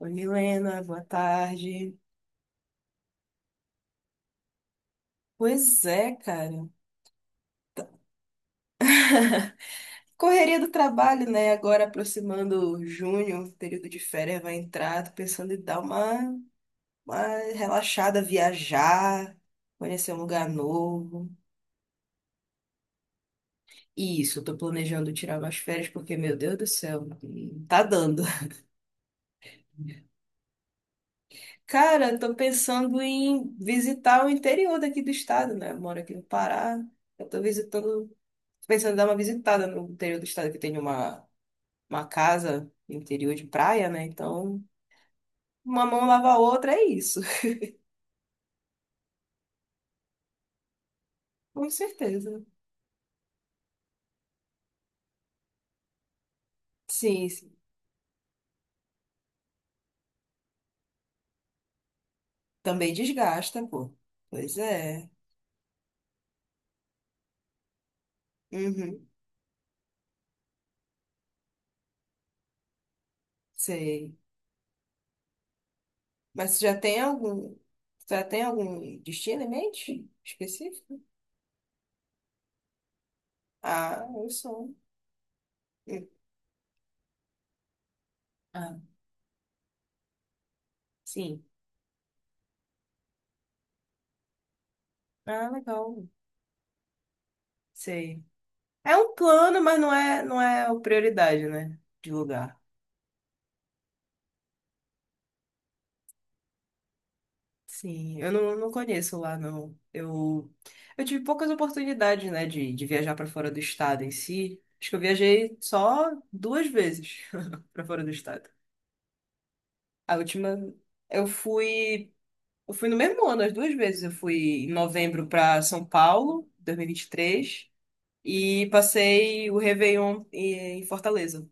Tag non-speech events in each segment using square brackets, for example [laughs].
Oi, Milena, boa tarde. Pois é, cara. Correria do trabalho, né? Agora aproximando junho, período de férias vai entrar. Tô pensando em dar uma relaxada, viajar, conhecer um lugar novo. E isso, eu tô planejando tirar umas férias porque, meu Deus do céu, tá dando. Cara, eu tô pensando em visitar o interior daqui do estado, né? Eu moro aqui no Pará. Eu tô visitando, tô pensando em dar uma visitada no interior do estado, que tem uma casa no interior de praia, né? Então, uma mão lava a outra, é isso. [laughs] Com certeza. Sim, sim. Também desgasta, pô. Pois é. Uhum. Sei. Mas você já tem algum destino em mente específico? Ah, eu sou. Hum. Ah, sim. Ah, legal. Sei. É um plano, mas não é a prioridade, né? De lugar. Sim, eu não conheço lá, não. Eu tive poucas oportunidades, né, de viajar para fora do estado em si. Acho que eu viajei só duas vezes [laughs] para fora do estado. A última, eu fui, eu fui no mesmo ano, as duas vezes. Eu fui em novembro para São Paulo, 2023, e 23, e passei o Réveillon em Fortaleza.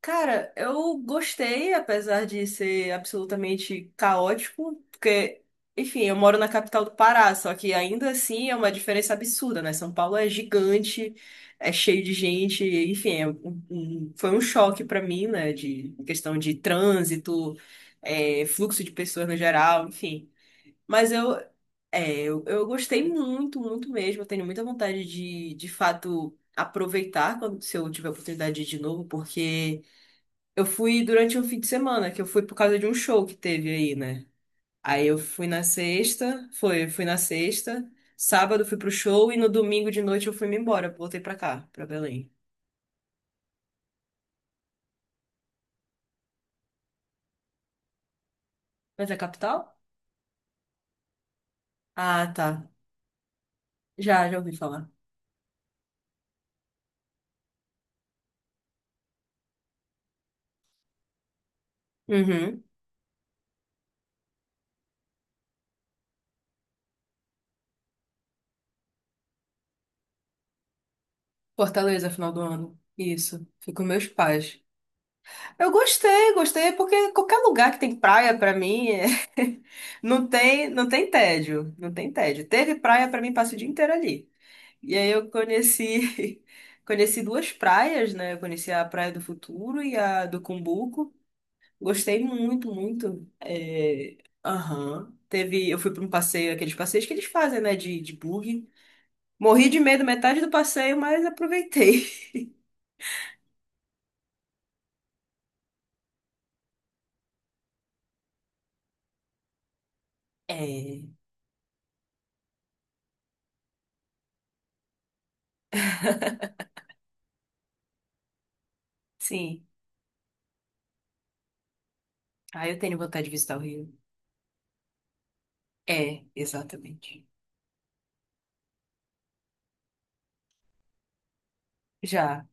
Cara, eu gostei, apesar de ser absolutamente caótico, porque, enfim, eu moro na capital do Pará, só que ainda assim é uma diferença absurda, né? São Paulo é gigante, é cheio de gente, enfim, foi um choque pra mim, né? De questão de trânsito, é, fluxo de pessoas no geral, enfim. Mas eu gostei muito, muito mesmo. Eu tenho muita vontade de fato, aproveitar quando, se eu tiver a oportunidade de ir de novo, porque. Eu fui durante um fim de semana, que eu fui por causa de um show que teve aí, né? Aí eu fui na sexta, sábado fui pro show e no domingo de noite eu fui me embora, voltei pra cá, pra Belém. Mas é capital? Ah, tá. Já, já ouvi falar. Uhum. Fortaleza, final do ano. Isso. Fui com meus pais. Eu gostei, gostei, porque qualquer lugar que tem praia pra mim é... [laughs] não tem tédio, não tem tédio. Teve praia pra mim, passo o dia inteiro ali. E aí eu conheci, [laughs] conheci duas praias, né? Eu conheci a Praia do Futuro e a do Cumbuco. Gostei muito, muito. É, aham. Teve, eu fui para um passeio, aqueles passeios que eles fazem, né? De buggy. Morri de medo metade do passeio, mas aproveitei. [laughs] É, sim. Ah, eu tenho vontade de visitar o Rio. É, exatamente. Já.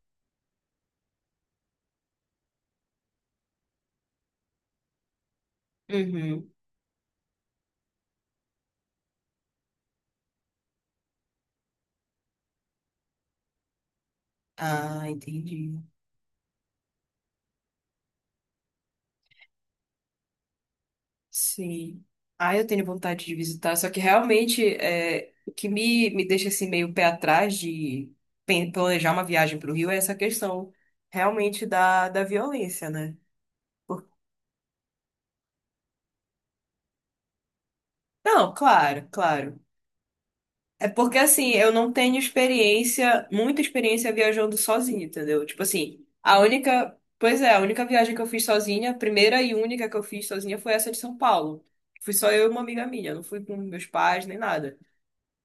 Uhum. Ah, entendi. Sim. Ah, eu tenho vontade de visitar, só que realmente é, o que me deixa assim meio pé atrás de planejar uma viagem para o Rio é essa questão realmente da violência, né? Por- Não, claro, claro. É porque assim, eu não tenho experiência, muita experiência viajando sozinha, entendeu? Tipo assim, a única, pois é, a única viagem que eu fiz sozinha, a primeira e única que eu fiz sozinha foi essa de São Paulo. Fui só eu e uma amiga minha, não fui com meus pais nem nada.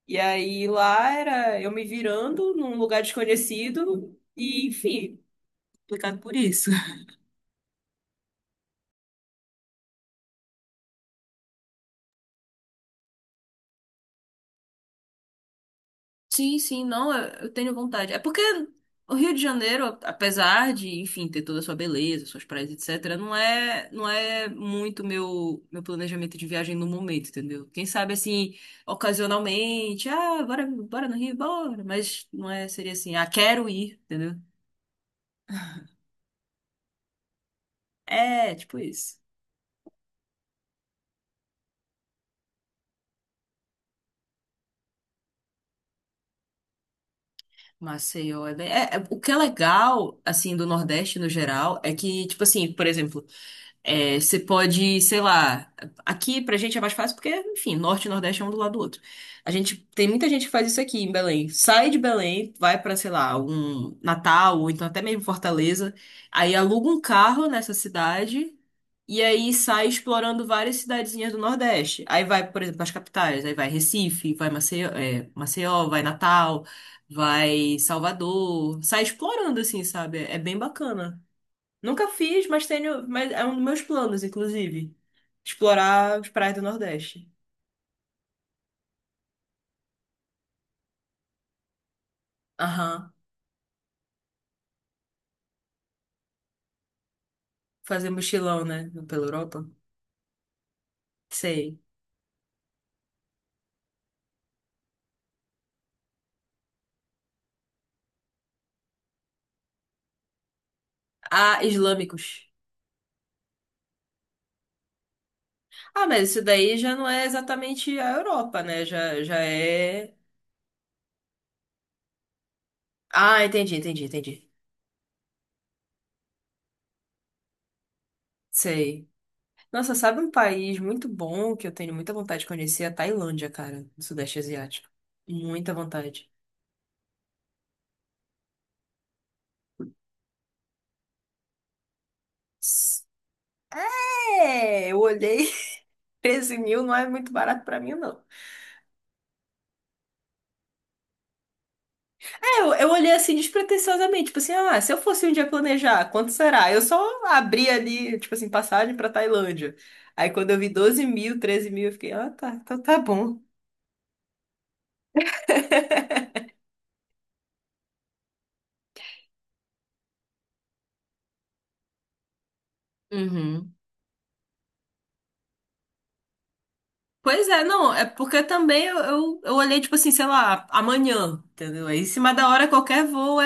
E aí lá era eu me virando num lugar desconhecido e, enfim, complicado por isso. [laughs] Sim, sim, não, eu tenho vontade. É porque o Rio de Janeiro, apesar de, enfim, ter toda a sua beleza, suas praias, etc., não é, não é muito meu planejamento de viagem no momento, entendeu? Quem sabe assim, ocasionalmente, ah, bora, bora no Rio, bora, mas não é, seria assim, ah, quero ir, entendeu? É, tipo isso. Maceió é, o que é legal assim do Nordeste no geral é que tipo assim por exemplo é, você pode sei lá aqui pra gente é mais fácil porque enfim Norte e Nordeste é um do lado do outro a gente tem muita gente que faz isso aqui em Belém sai de Belém vai pra, sei lá um Natal ou então até mesmo Fortaleza aí aluga um carro nessa cidade e aí sai explorando várias cidadezinhas do Nordeste. Aí vai, por exemplo, as capitais. Aí vai Recife, vai Maceió, é, Maceió, vai Natal, vai Salvador. Sai explorando, assim, sabe? É bem bacana. Nunca fiz, mas tenho, mas é um dos meus planos, inclusive. Explorar as praias do Nordeste. Aham. Fazer mochilão, né? Pela Europa. Sei. Ah, islâmicos. Ah, mas isso daí já não é exatamente a Europa, né? Já, já é. Ah, entendi, entendi, entendi. Sei. Nossa, sabe um país muito bom que eu tenho muita vontade de conhecer? É a Tailândia, cara, do Sudeste Asiático. Muita vontade. É, eu olhei, [laughs] 13 mil não é muito barato pra mim, não. É, eu olhei assim despretensiosamente, tipo assim, ah, se eu fosse um dia planejar, quanto será? Eu só abri ali, tipo assim, passagem pra Tailândia. Aí quando eu vi 12 mil, 13 mil, eu fiquei, ah, tá bom. Uhum. Pois é, não, é porque também eu olhei, tipo assim, sei lá, amanhã, entendeu? Aí em cima da hora qualquer voo.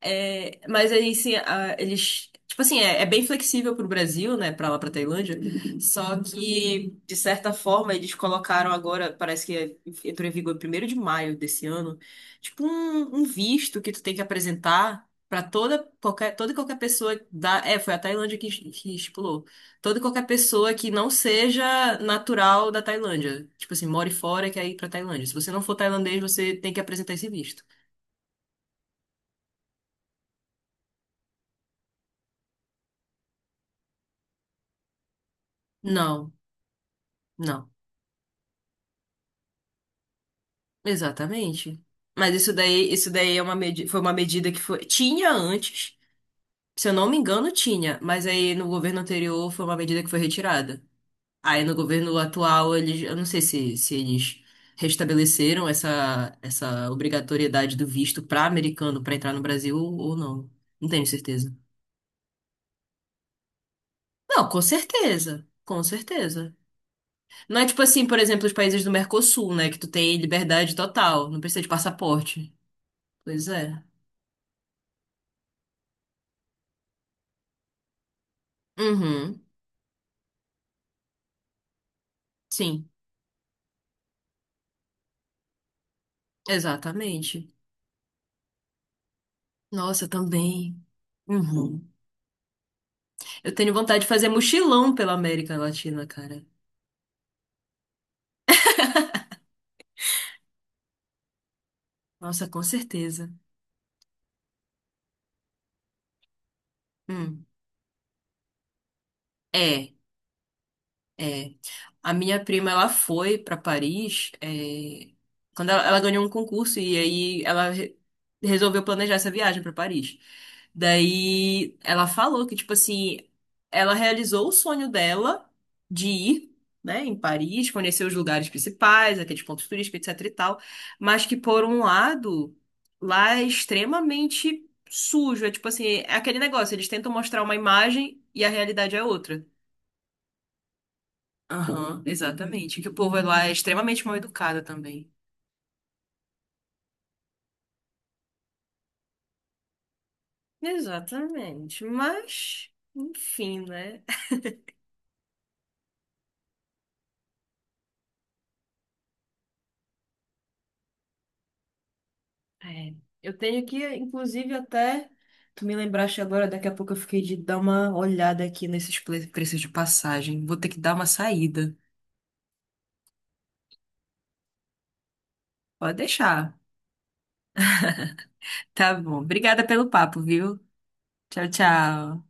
É, mas aí, assim, eles. Tipo assim, é bem flexível pro Brasil, né? Pra lá, pra Tailândia. Só que, de certa forma, eles colocaram agora, parece que é- entrou em vigor 1º de maio desse ano, tipo um, um visto que tu tem que apresentar pra toda, qualquer, toda e qualquer pessoa da. É, foi a Tailândia que estipulou. Toda e qualquer pessoa que não seja natural da Tailândia. Tipo assim, more fora e quer ir pra Tailândia. Se você não for tailandês, você tem que apresentar esse visto. Não. Não. Exatamente. Mas isso daí é uma medi foi uma medida que foi, tinha antes, se eu não me engano, tinha, mas aí no governo anterior foi uma medida que foi retirada. Aí no governo atual, eles, eu não sei se eles restabeleceram essa obrigatoriedade do visto para americano para entrar no Brasil ou não. Não tenho certeza. Não, com certeza. Com certeza. Não é tipo assim, por exemplo, os países do Mercosul, né? Que tu tem liberdade total, não precisa de passaporte. Pois é. Uhum. Sim. Exatamente. Nossa, eu também. Uhum. Eu tenho vontade de fazer mochilão pela América Latina, cara. Nossa, com certeza. Hum. É. É, a minha prima ela foi para Paris quando ela ganhou um concurso e aí ela resolveu planejar essa viagem para Paris. Daí ela falou que tipo assim ela realizou o sonho dela de ir, né, em Paris, conhecer os lugares principais, aqueles pontos turísticos, etc e tal, mas que por um lado lá é extremamente sujo, é tipo assim é aquele negócio eles tentam mostrar uma imagem e a realidade é outra. Aham, exatamente. Que o povo lá é extremamente mal educado também. Exatamente. Mas, enfim, né? É, eu tenho que, inclusive, até. Tu me lembraste agora, daqui a pouco eu fiquei de dar uma olhada aqui nesses preços de passagem. Vou ter que dar uma saída. Pode deixar. Tá bom. Obrigada pelo papo, viu? Tchau, tchau.